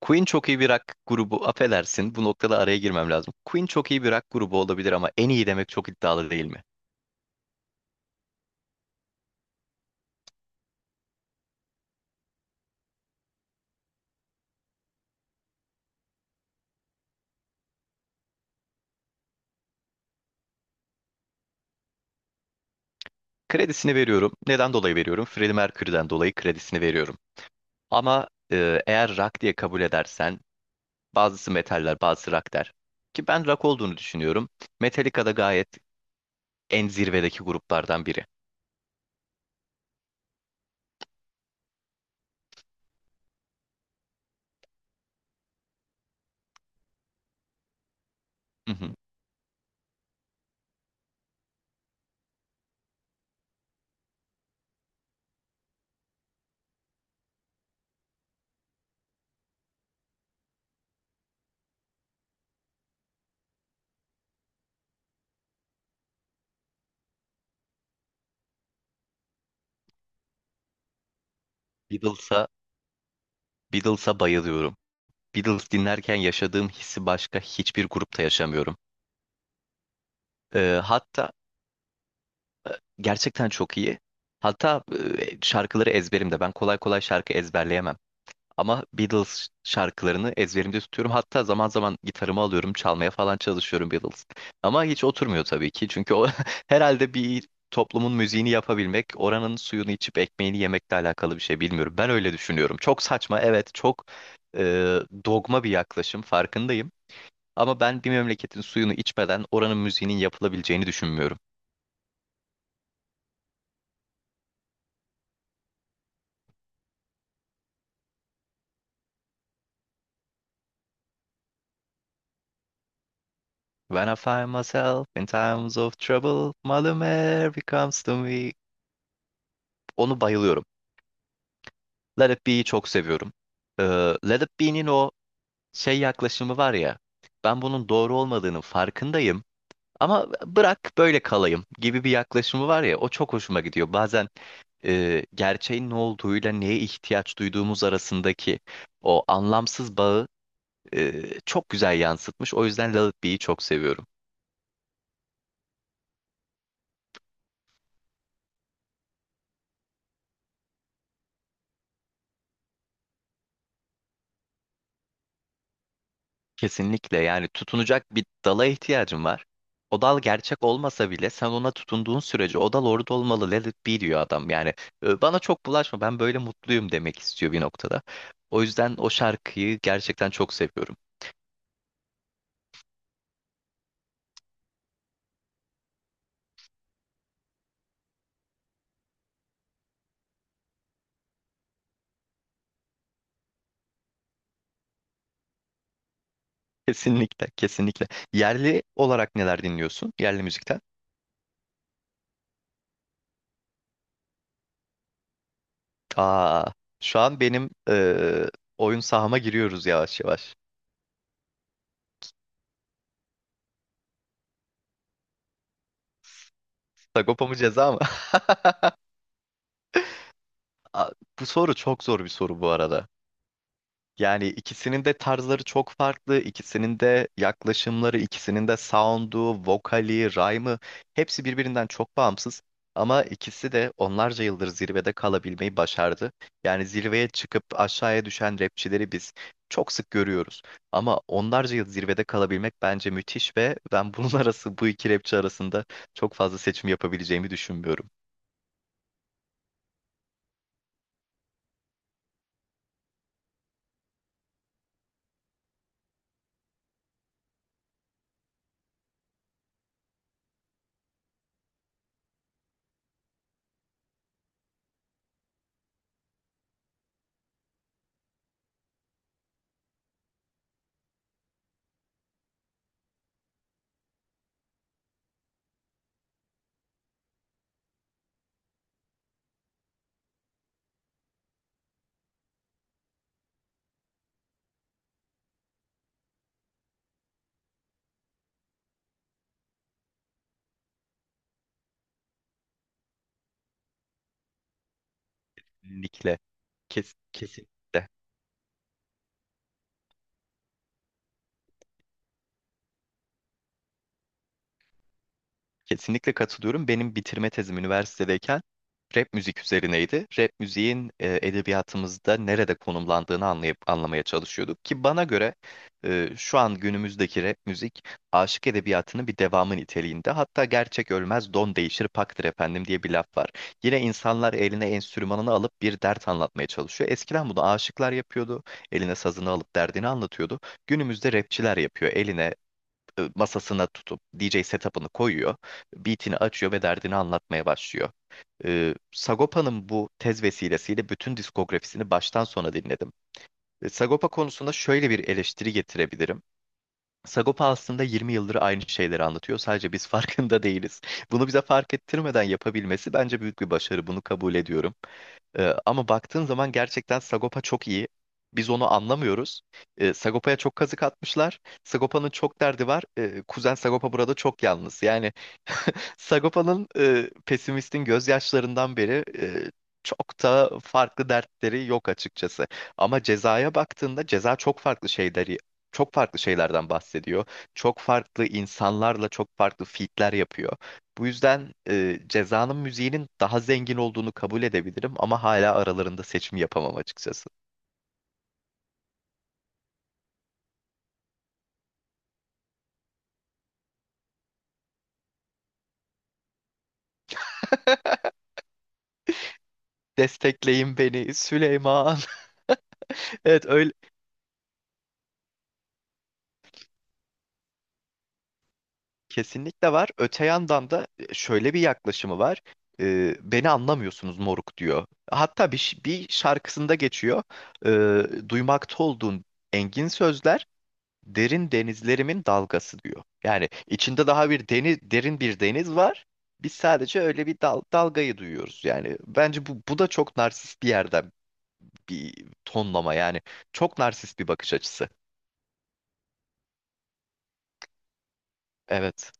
Queen çok iyi bir rock grubu. Affedersin, bu noktada araya girmem lazım. Queen çok iyi bir rock grubu olabilir ama en iyi demek çok iddialı değil mi? Kredisini veriyorum. Neden dolayı veriyorum? Freddie Mercury'den dolayı kredisini veriyorum. Ama eğer rock diye kabul edersen bazısı metaller, bazısı rock der. Ki ben rock olduğunu düşünüyorum. Metallica da gayet en zirvedeki gruplardan biri. Hı hı. Beatles'a Beatles'a bayılıyorum. Beatles dinlerken yaşadığım hissi başka hiçbir grupta yaşamıyorum. E, hatta Gerçekten çok iyi. Hatta şarkıları ezberimde. Ben kolay kolay şarkı ezberleyemem. Ama Beatles şarkılarını ezberimde tutuyorum. Hatta zaman zaman gitarımı alıyorum, çalmaya falan çalışıyorum Beatles. Ama hiç oturmuyor tabii ki. Çünkü o herhalde bir toplumun müziğini yapabilmek, oranın suyunu içip ekmeğini yemekle alakalı bir şey bilmiyorum. Ben öyle düşünüyorum. Çok saçma, evet, çok e, dogma bir yaklaşım, farkındayım. Ama ben bir memleketin suyunu içmeden oranın müziğinin yapılabileceğini düşünmüyorum. When I find myself in times of trouble, Mother Mary comes to me. Onu bayılıyorum. Let It Be'yi çok seviyorum. Let It Be'nin o şey yaklaşımı var ya, ben bunun doğru olmadığının farkındayım ama bırak böyle kalayım gibi bir yaklaşımı var ya, o çok hoşuma gidiyor. Bazen gerçeğin ne olduğuyla neye ihtiyaç duyduğumuz arasındaki o anlamsız bağı çok güzel yansıtmış. O yüzden Let It Be'yi çok seviyorum. Kesinlikle, yani tutunacak bir dala ihtiyacın var. O dal gerçek olmasa bile sen ona tutunduğun sürece o dal orada olmalı. Let it be diyor adam. Yani bana çok bulaşma, ben böyle mutluyum demek istiyor bir noktada. O yüzden o şarkıyı gerçekten çok seviyorum. Kesinlikle, kesinlikle. Yerli olarak neler dinliyorsun? Yerli müzikten. Aa, şu an benim oyun sahama giriyoruz yavaş yavaş. Sagopa mı, ceza mı? Aa, bu soru çok zor bir soru bu arada. Yani ikisinin de tarzları çok farklı, ikisinin de yaklaşımları, ikisinin de sound'u, vokali, rhyme'ı hepsi birbirinden çok bağımsız. Ama ikisi de onlarca yıldır zirvede kalabilmeyi başardı. Yani zirveye çıkıp aşağıya düşen rapçileri biz çok sık görüyoruz. Ama onlarca yıl zirvede kalabilmek bence müthiş ve ben bunun arası bu iki rapçi arasında çok fazla seçim yapabileceğimi düşünmüyorum. Kesinlikle. Kesinlikle. Kesinlikle katılıyorum. Benim bitirme tezim üniversitedeyken rap müzik üzerineydi. Rap müziğin edebiyatımızda nerede konumlandığını anlayıp anlamaya çalışıyorduk ki bana göre şu an günümüzdeki rap müzik aşık edebiyatının bir devamı niteliğinde. Hatta gerçek ölmez, don değişir paktır efendim diye bir laf var. Yine insanlar eline enstrümanını alıp bir dert anlatmaya çalışıyor. Eskiden bunu aşıklar yapıyordu. Eline sazını alıp derdini anlatıyordu. Günümüzde rapçiler yapıyor. Eline masasına tutup DJ setup'ını koyuyor. Beat'ini açıyor ve derdini anlatmaya başlıyor. Sagopa'nın bu tez vesilesiyle bütün diskografisini baştan sona dinledim. Sagopa konusunda şöyle bir eleştiri getirebilirim. Sagopa aslında 20 yıldır aynı şeyleri anlatıyor. Sadece biz farkında değiliz. Bunu bize fark ettirmeden yapabilmesi bence büyük bir başarı. Bunu kabul ediyorum. Ama baktığın zaman gerçekten Sagopa çok iyi. Biz onu anlamıyoruz. Sagopa'ya çok kazık atmışlar. Sagopa'nın çok derdi var. Kuzen Sagopa burada çok yalnız. Yani Sagopa'nın pesimistin gözyaşlarından beri çok da farklı dertleri yok açıkçası. Ama cezaya baktığında ceza çok farklı şeylerden bahsediyor. Çok farklı insanlarla çok farklı feat'ler yapıyor. Bu yüzden cezanın müziğinin daha zengin olduğunu kabul edebilirim ama hala aralarında seçim yapamam açıkçası. Destekleyin beni Süleyman. Evet, öyle. Kesinlikle var. Öte yandan da şöyle bir yaklaşımı var. Beni anlamıyorsunuz moruk diyor. Hatta bir şarkısında geçiyor. Duymakta olduğun engin sözler derin denizlerimin dalgası diyor. Yani içinde daha derin bir deniz var. Biz sadece öyle bir dalgayı duyuyoruz. Yani bence bu da çok narsist bir yerden bir tonlama. Yani çok narsist bir bakış açısı. Evet.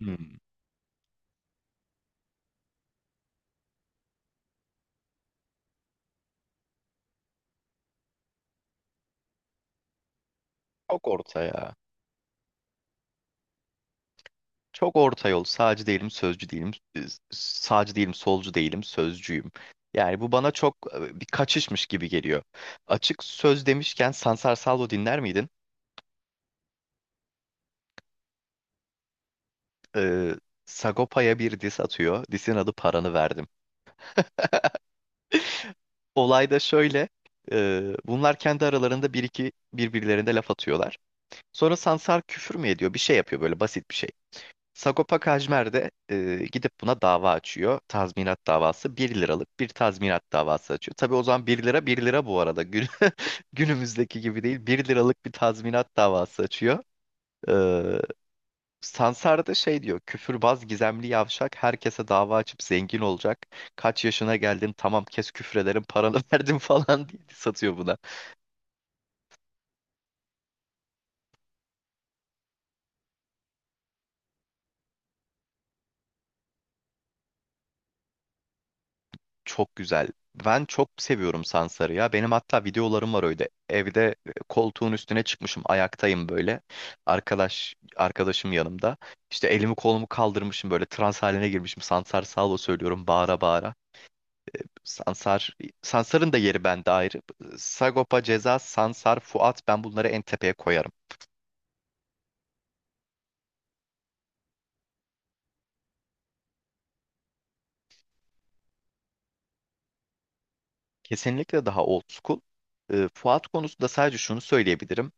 Hmm. Çok orta ya. Çok orta yol. Sağcı değilim, sözcü değilim. e, Sağcı değilim, solcu değilim, sözcüyüm. Yani bu bana çok bir kaçışmış gibi geliyor. Açık söz demişken Sansar Salvo dinler miydin? Ee, Sagopa'ya bir diss atıyor. Diss'in adı Paranı Verdim. Olay da şöyle. Bunlar kendi aralarında bir iki birbirlerine laf atıyorlar. Sonra Sansar küfür mü ediyor? Bir şey yapıyor böyle, basit bir şey. Sagopa Kajmer de gidip buna dava açıyor. Tazminat davası, bir liralık bir tazminat davası açıyor. Tabii o zaman bir lira bir lira bu arada. Gün, günümüzdeki gibi değil, bir liralık bir tazminat davası açıyor. Ee, Sansar da şey diyor: küfürbaz gizemli yavşak herkese dava açıp zengin olacak. Kaç yaşına geldin, tamam kes, küfrederim paranı verdim falan diye satıyor. Çok güzel. Ben çok seviyorum Sansar'ı ya. Benim hatta videolarım var öyle. Evde koltuğun üstüne çıkmışım, ayaktayım böyle. Arkadaşım yanımda. İşte elimi kolumu kaldırmışım böyle, trans haline girmişim. Sansar Salvo söylüyorum bağıra bağıra. Sansar Sansar'ın da yeri bende ayrı. Sagopa, Ceza, Sansar, Fuat, ben bunları en tepeye koyarım. Kesinlikle daha old school. Fuat konusunda sadece şunu söyleyebilirim.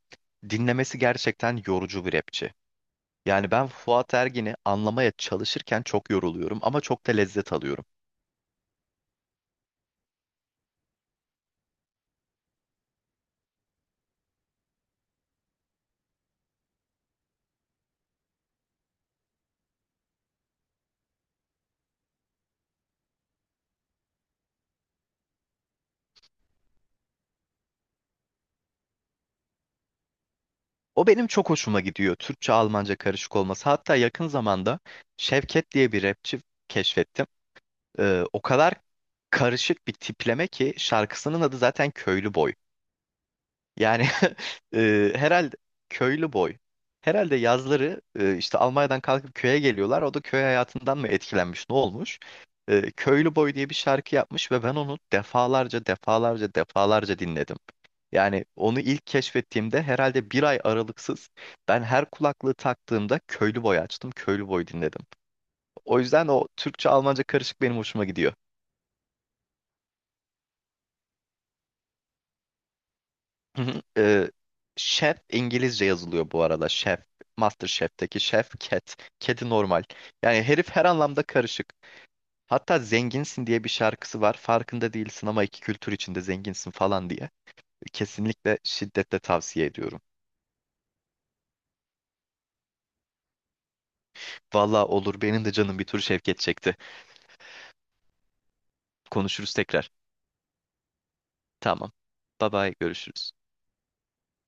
Dinlemesi gerçekten yorucu bir rapçi. Yani ben Fuat Ergin'i anlamaya çalışırken çok yoruluyorum ama çok da lezzet alıyorum. O benim çok hoşuma gidiyor, Türkçe Almanca karışık olması. Hatta yakın zamanda Şevket diye bir rapçi keşfettim. O kadar karışık bir tipleme ki şarkısının adı zaten Köylü Boy. Yani herhalde köylü boy. Herhalde yazları işte Almanya'dan kalkıp köye geliyorlar. O da köy hayatından mı etkilenmiş, ne olmuş? Köylü boy diye bir şarkı yapmış ve ben onu defalarca, defalarca, defalarca dinledim. Yani onu ilk keşfettiğimde herhalde bir ay aralıksız ben her kulaklığı taktığımda köylü boy açtım, köylü boy dinledim. O yüzden o Türkçe-Almanca karışık benim hoşuma gidiyor. Hı hı. Chef İngilizce yazılıyor bu arada. Chef. MasterChef'teki Chef. Cat, kedi normal. Yani herif her anlamda karışık. Hatta zenginsin diye bir şarkısı var. Farkında değilsin ama iki kültür içinde zenginsin falan diye. Kesinlikle şiddetle tavsiye ediyorum. Valla olur, benim de canım bir tur Şevket çekti. Konuşuruz tekrar. Tamam. Bye bye, görüşürüz.